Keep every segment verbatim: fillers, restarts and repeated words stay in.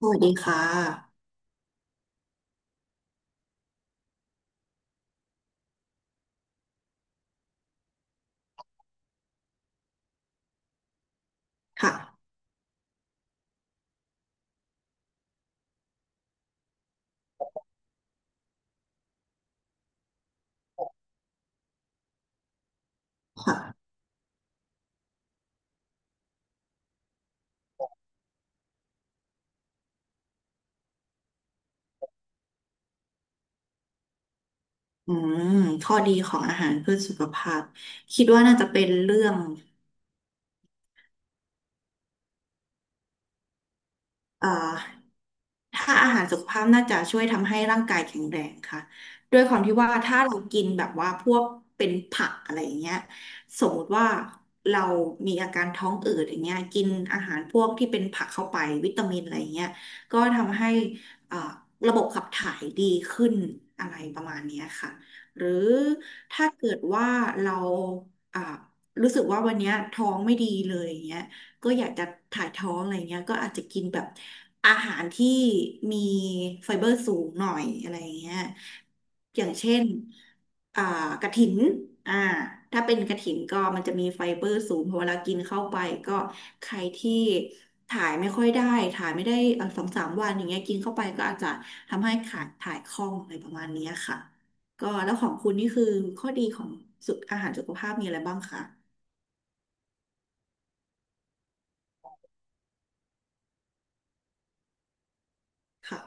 สวัสดีค่ะค่ะค่ะอืมข้อดีของอาหารเพื่อสุขภาพ คิดว่าน่าจะเป็นเรื่องเอ่อ ถ้าอาหารสุขภาพน่าจะช่วยทำให้ร่างกายแข็งแรงค่ะด้วยความที่ว่าถ้าเรากินแบบว่าพวกเป็นผักอะไรอย่างเงี้ยสมมติว่าเรามีอาการท้องอืดอย่างเงี้ยกินอาหารพวกที่เป็นผักเข้าไปวิตามินอะไรอย่างเงี้ยก็ทำให้อ่าระบบขับถ่ายดีขึ้นอะไรประมาณเนี้ยค่ะ หรือถ้าเกิดว่าเราอ่ารู้สึกว่าวันเนี้ยท้องไม่ดีเลยอย่างเงี้ย ก็อยากจะถ่ายท้องอะไรเงี้ยก็อาจจะกินแบบอาหารที่มีไฟเบอร์สูงหน่อยอะไรเงี้ยอย่างเช่นอ่ากระถินอ่าถ้าเป็นกระถินก็มันจะมีไฟเบอร์สูงพอเวลากินเข้าไปก็ใครที่ถ่ายไม่ค่อยได้ถ่ายไม่ได้เอ่อสองสามวันอย่างเงี้ยกินเข้าไปก็อาจจะทำให้ขาดถ่ายคล่องอะไรประมาณเนี้ยค่ะก็แล้วของคุณนี่คือข้อดีของสุขอาหารสุขภาพมีอะไรบ้างคะค่ะ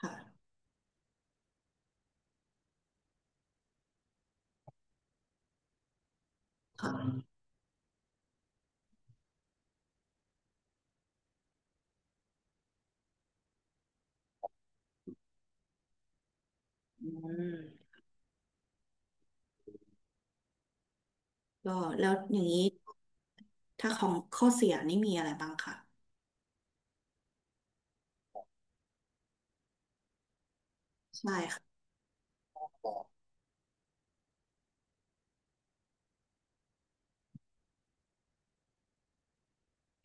ค่ะค่ะอืม ก็แล้วอย่างนี้ถ้าของข้อเสียนี่มีอะไรบ้างคะใช่ค่ะ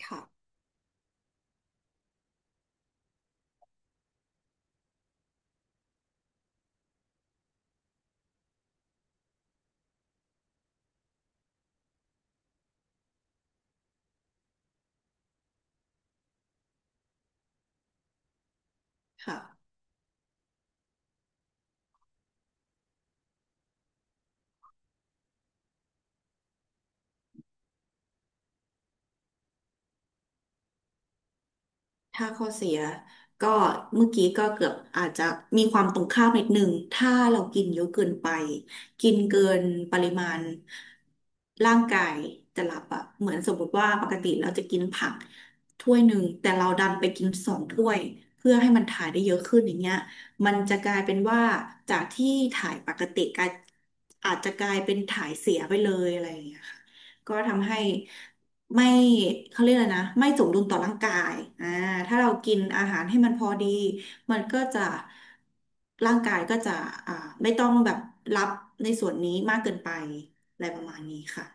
ค่ะค่ะ ถ้าข้อเสียก็เมื่อกี้ก็เกือบอาจจะมีความตรงข้ามนิดหนึ่งถ้าเรากินเยอะเกินไปกินเกินปริมาณร่างกายจะรับอะเหมือนสมมติว่าปกติเราจะกินผักถ้วยหนึ่งแต่เราดันไปกินสองถ้วยเพื่อให้มันถ่ายได้เยอะขึ้นอย่างเงี้ยมันจะกลายเป็นว่าจากที่ถ่ายปกติกลายอาจจะกลายเป็นถ่ายเสียไปเลยอะไรอย่างเงี้ยค่ะ ก็ทำให้ไม่เขาเรียกอะไรนะไม่สมดุลต่อร่างกายอ่าถ้าเรากินอาหารให้มันพอดีมันก็จะร่างกายก็จะอ่าไม่ต้องแบบรับในส่วนนี้มากเกินไปอะไรประมาณนี้ค่ะ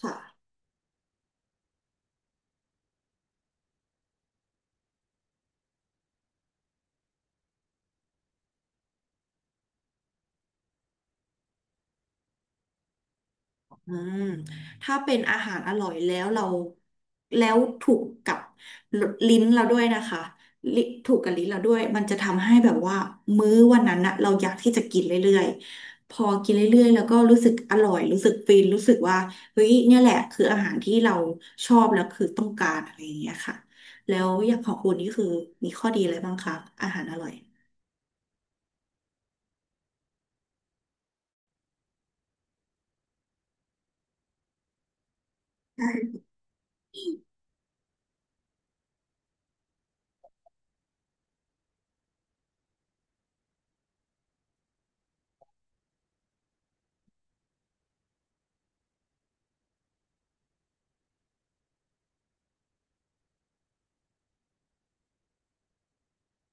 ค่ะ ถ้าเป็นอาหารอร่อยแล้วเราแล้วถูกกับลิ้นเราด้วยนะคะลิถูกกับลิ้นเราด้วยมันจะทำให้แบบว่ามื้อวันนั้นนะเราอยากที่จะกินเรื่อยๆพอกินเรื่อยๆแล้วก็รู้สึกอร่อยรู้สึกฟินรู้สึกว่าเฮ้ยเนี่ยแหละคืออาหารที่เราชอบแล้วคือต้องการอะไรอย่างเงี้ยค่ะแล้วอย่างของคุณนี่คือมีข้อดีอะไรบ้างคะอาหารอร่อย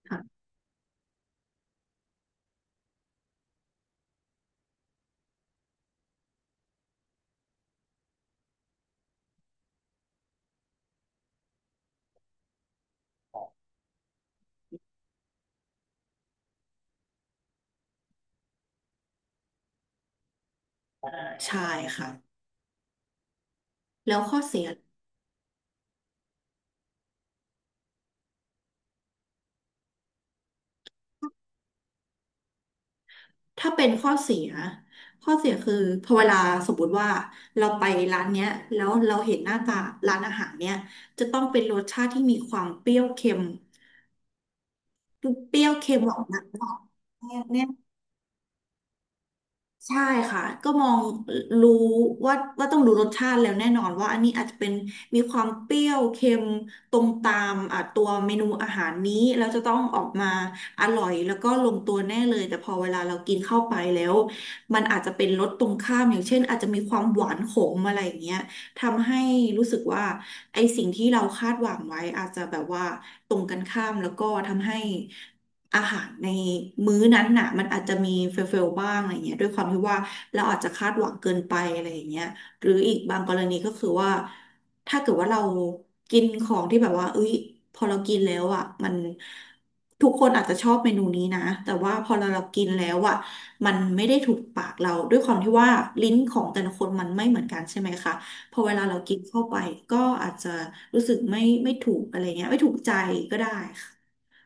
ค่ะใช่ค่ะแล้วข้อเสีย ถ้าเป็นข้อเสีย ข้อเสียคือพอเวลาสมมติว่าเราไปร้านเนี้ยแล้วเราเห็นหน้าตาร้านอาหารเนี้ยจะต้องเป็นรสชาติที่มีความเปรี้ยวเค็ม เปรี้ยวเค็มออกมาแน่ ใช่ค่ะก็มองรู้ว่าว่าต้องดูรสชาติแล้วแน่นอนว่าอันนี้อาจจะเป็นมีความเปรี้ยวเค็มตรงตามอ่ะตัวเมนูอาหารนี้แล้วจะต้องออกมาอร่อยแล้วก็ลงตัวแน่เลยแต่พอเวลาเรากินเข้าไปแล้วมันอาจจะเป็นรสตรงข้ามอย่างเช่นอาจจะมีความหวานขมอะไรอย่างเงี้ยทำให้รู้สึกว่าไอสิ่งที่เราคาดหวังไว้อาจจะแบบว่าตรงกันข้ามแล้วก็ทำให้ อาหารในมื้อนั้นน่ะมันอาจจะมีเฟลเฟลบ้างอะไรเงี้ยด้วยความที่ว่าเราอาจจะคาดหวังเกินไปอะไรอย่างเงี้ยหรืออีกบางกรณีก็คือว่าถ้าเกิดว่าเรากินของที่แบบว่าเอ้ยพอเรากินแล้วอ่ะมันทุกคนอาจจะชอบเมนูนี้นะแต่ว่าพอเราเรากินแล้วอ่ะมันไม่ได้ถูกปากเราด้วยความที่ว่าลิ้นของแต่ละคนมันไม่เหมือนกันใช่ไหมคะพอเวลาเรากินเข้าไปก็อาจจะรู้สึกไม่ไม่ถูกอะไรเงี้ยไม่ถูกใจก็ได้ค่ะ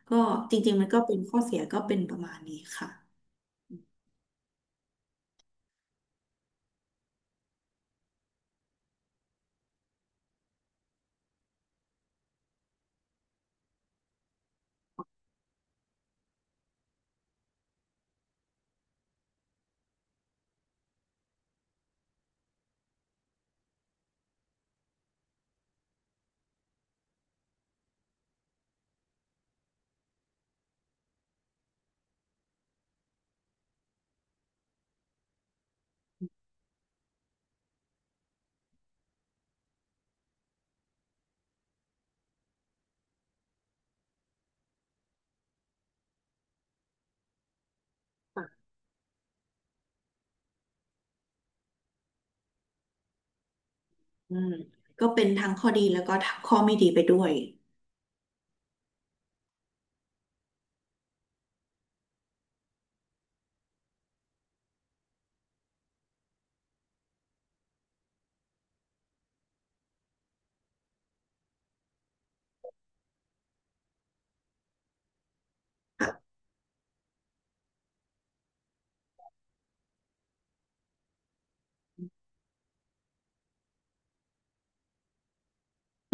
ก็จริงๆมันก็เป็นข้อเสียก็เป็นประมาณนี้ค่ะอืมก็เป็นทั้งข้อดีแล้วก็ทั้งข้อไม่ดีไปด้วย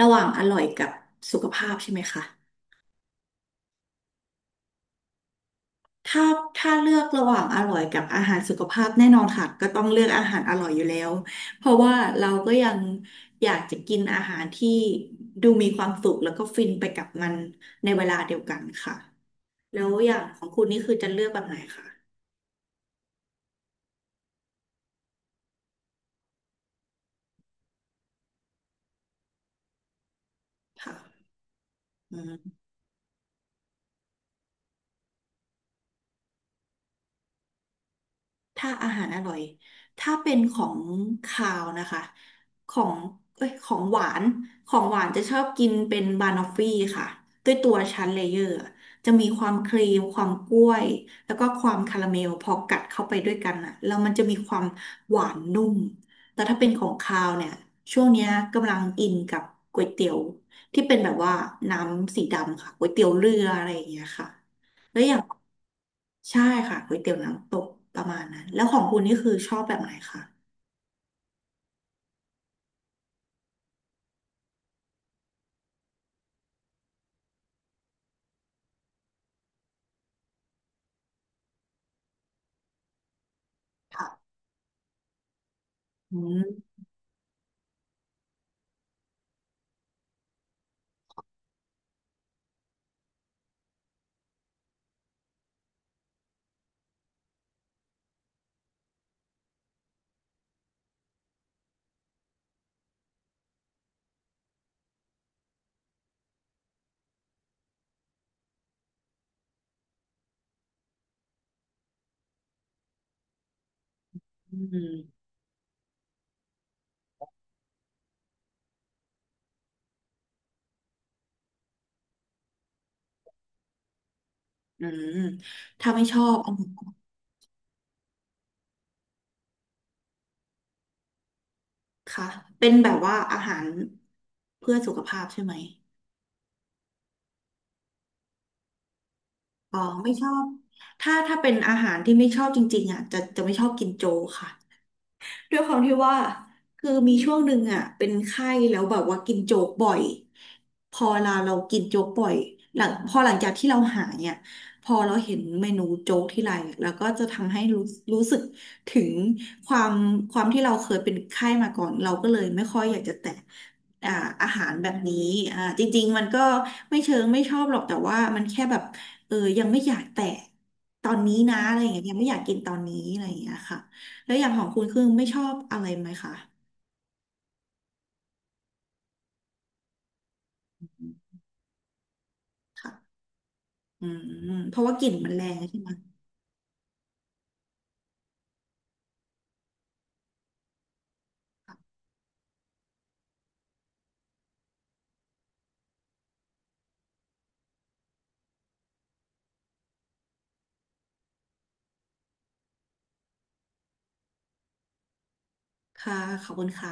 ระหว่างอร่อยกับสุขภาพใช่ไหมคะถ้าถ้าเลือกระหว่างอร่อยกับอาหารสุขภาพแน่นอนค่ะก็ต้องเลือกอาหารอร่อยอยู่แล้ว เพราะว่าเราก็ยังอยากจะกินอาหารที่ดูมีความสุขแล้วก็ฟินไปกับมันในเวลาเดียวกันค่ะแล้วอย่างของคุณนี่คือจะเลือกแบบไหนคะค่ะ ถ้าอาหารอร่อยถ้าเป็นของคาวนะคะของเอ้ยของหวานของหวานจะชอบกินเป็นบานอฟฟี่ค่ะ ด้วยตัวชั้นเลเยอร์อะจะมีความครีมความกล้วย แล้วก็ความคาราเมลพอกัดเข้าไปด้วยกันอ่ะแล้วมันจะมีความหวานนุ่มแต่ถ้าเป็นของคาวเนี่ยช่วงเนี้ยกำลังอินกับก๋วยเตี๋ยวที่เป็นแบบว่าน้ำสีดำค่ะก๋วยเตี๋ยวเรืออะไรอย่างเงี้ยค่ะ แล้วอย่างใช่ค่ะก๋วยเตี๋ยวน้ำตกประมาณนั้นแล้วของคุณนี่คือชอบแบบไหนคะค่ะอืมอืมอืมถ้าไม่ชอบเอาค่ะเป็นแบบว่าอาหารเพื่อสุขภาพใช่ไหมอ๋อไม่ชอบถ้าถ้าเป็นอาหารที่ไม่ชอบจริงๆอ่ะจะจะไม่ชอบกินโจค่ะ ด้วยความที่ว่าคือมีช่วงหนึ่งอ่ะเป็นไข้แล้วแบบว่ากินโจ๊กบ่อยพอเราเรากินโจ๊กบ่อยหลังพอหลังจากที่เราหายเนี่ยพอเราเห็นเมนูโจ๊กที่ไรแล้วก็จะทำให้รู้รู้สึกถึงความความที่เราเคยเป็นไข้มาก่อนเราก็เลยไม่ค่อยอยากจะแตะอ่าอาหารแบบนี้อ่าจริงๆมันก็ไม่เชิงไม่ชอบหรอกแต่ว่ามันแค่แบบเออยังไม่อยากแตะตอนนี้นะอะไรอย่างเงี้ยยังไม่อยากกินตอนนี้อะไรอย่างเงี้ยค่ะ แล้วอย่างของคุณคือไม่ชอบอะไรไหมคะค่ะอืมเพราะว่ากลิ่นมันแรงใช่ไหมค่ะขอบคุณค่ะ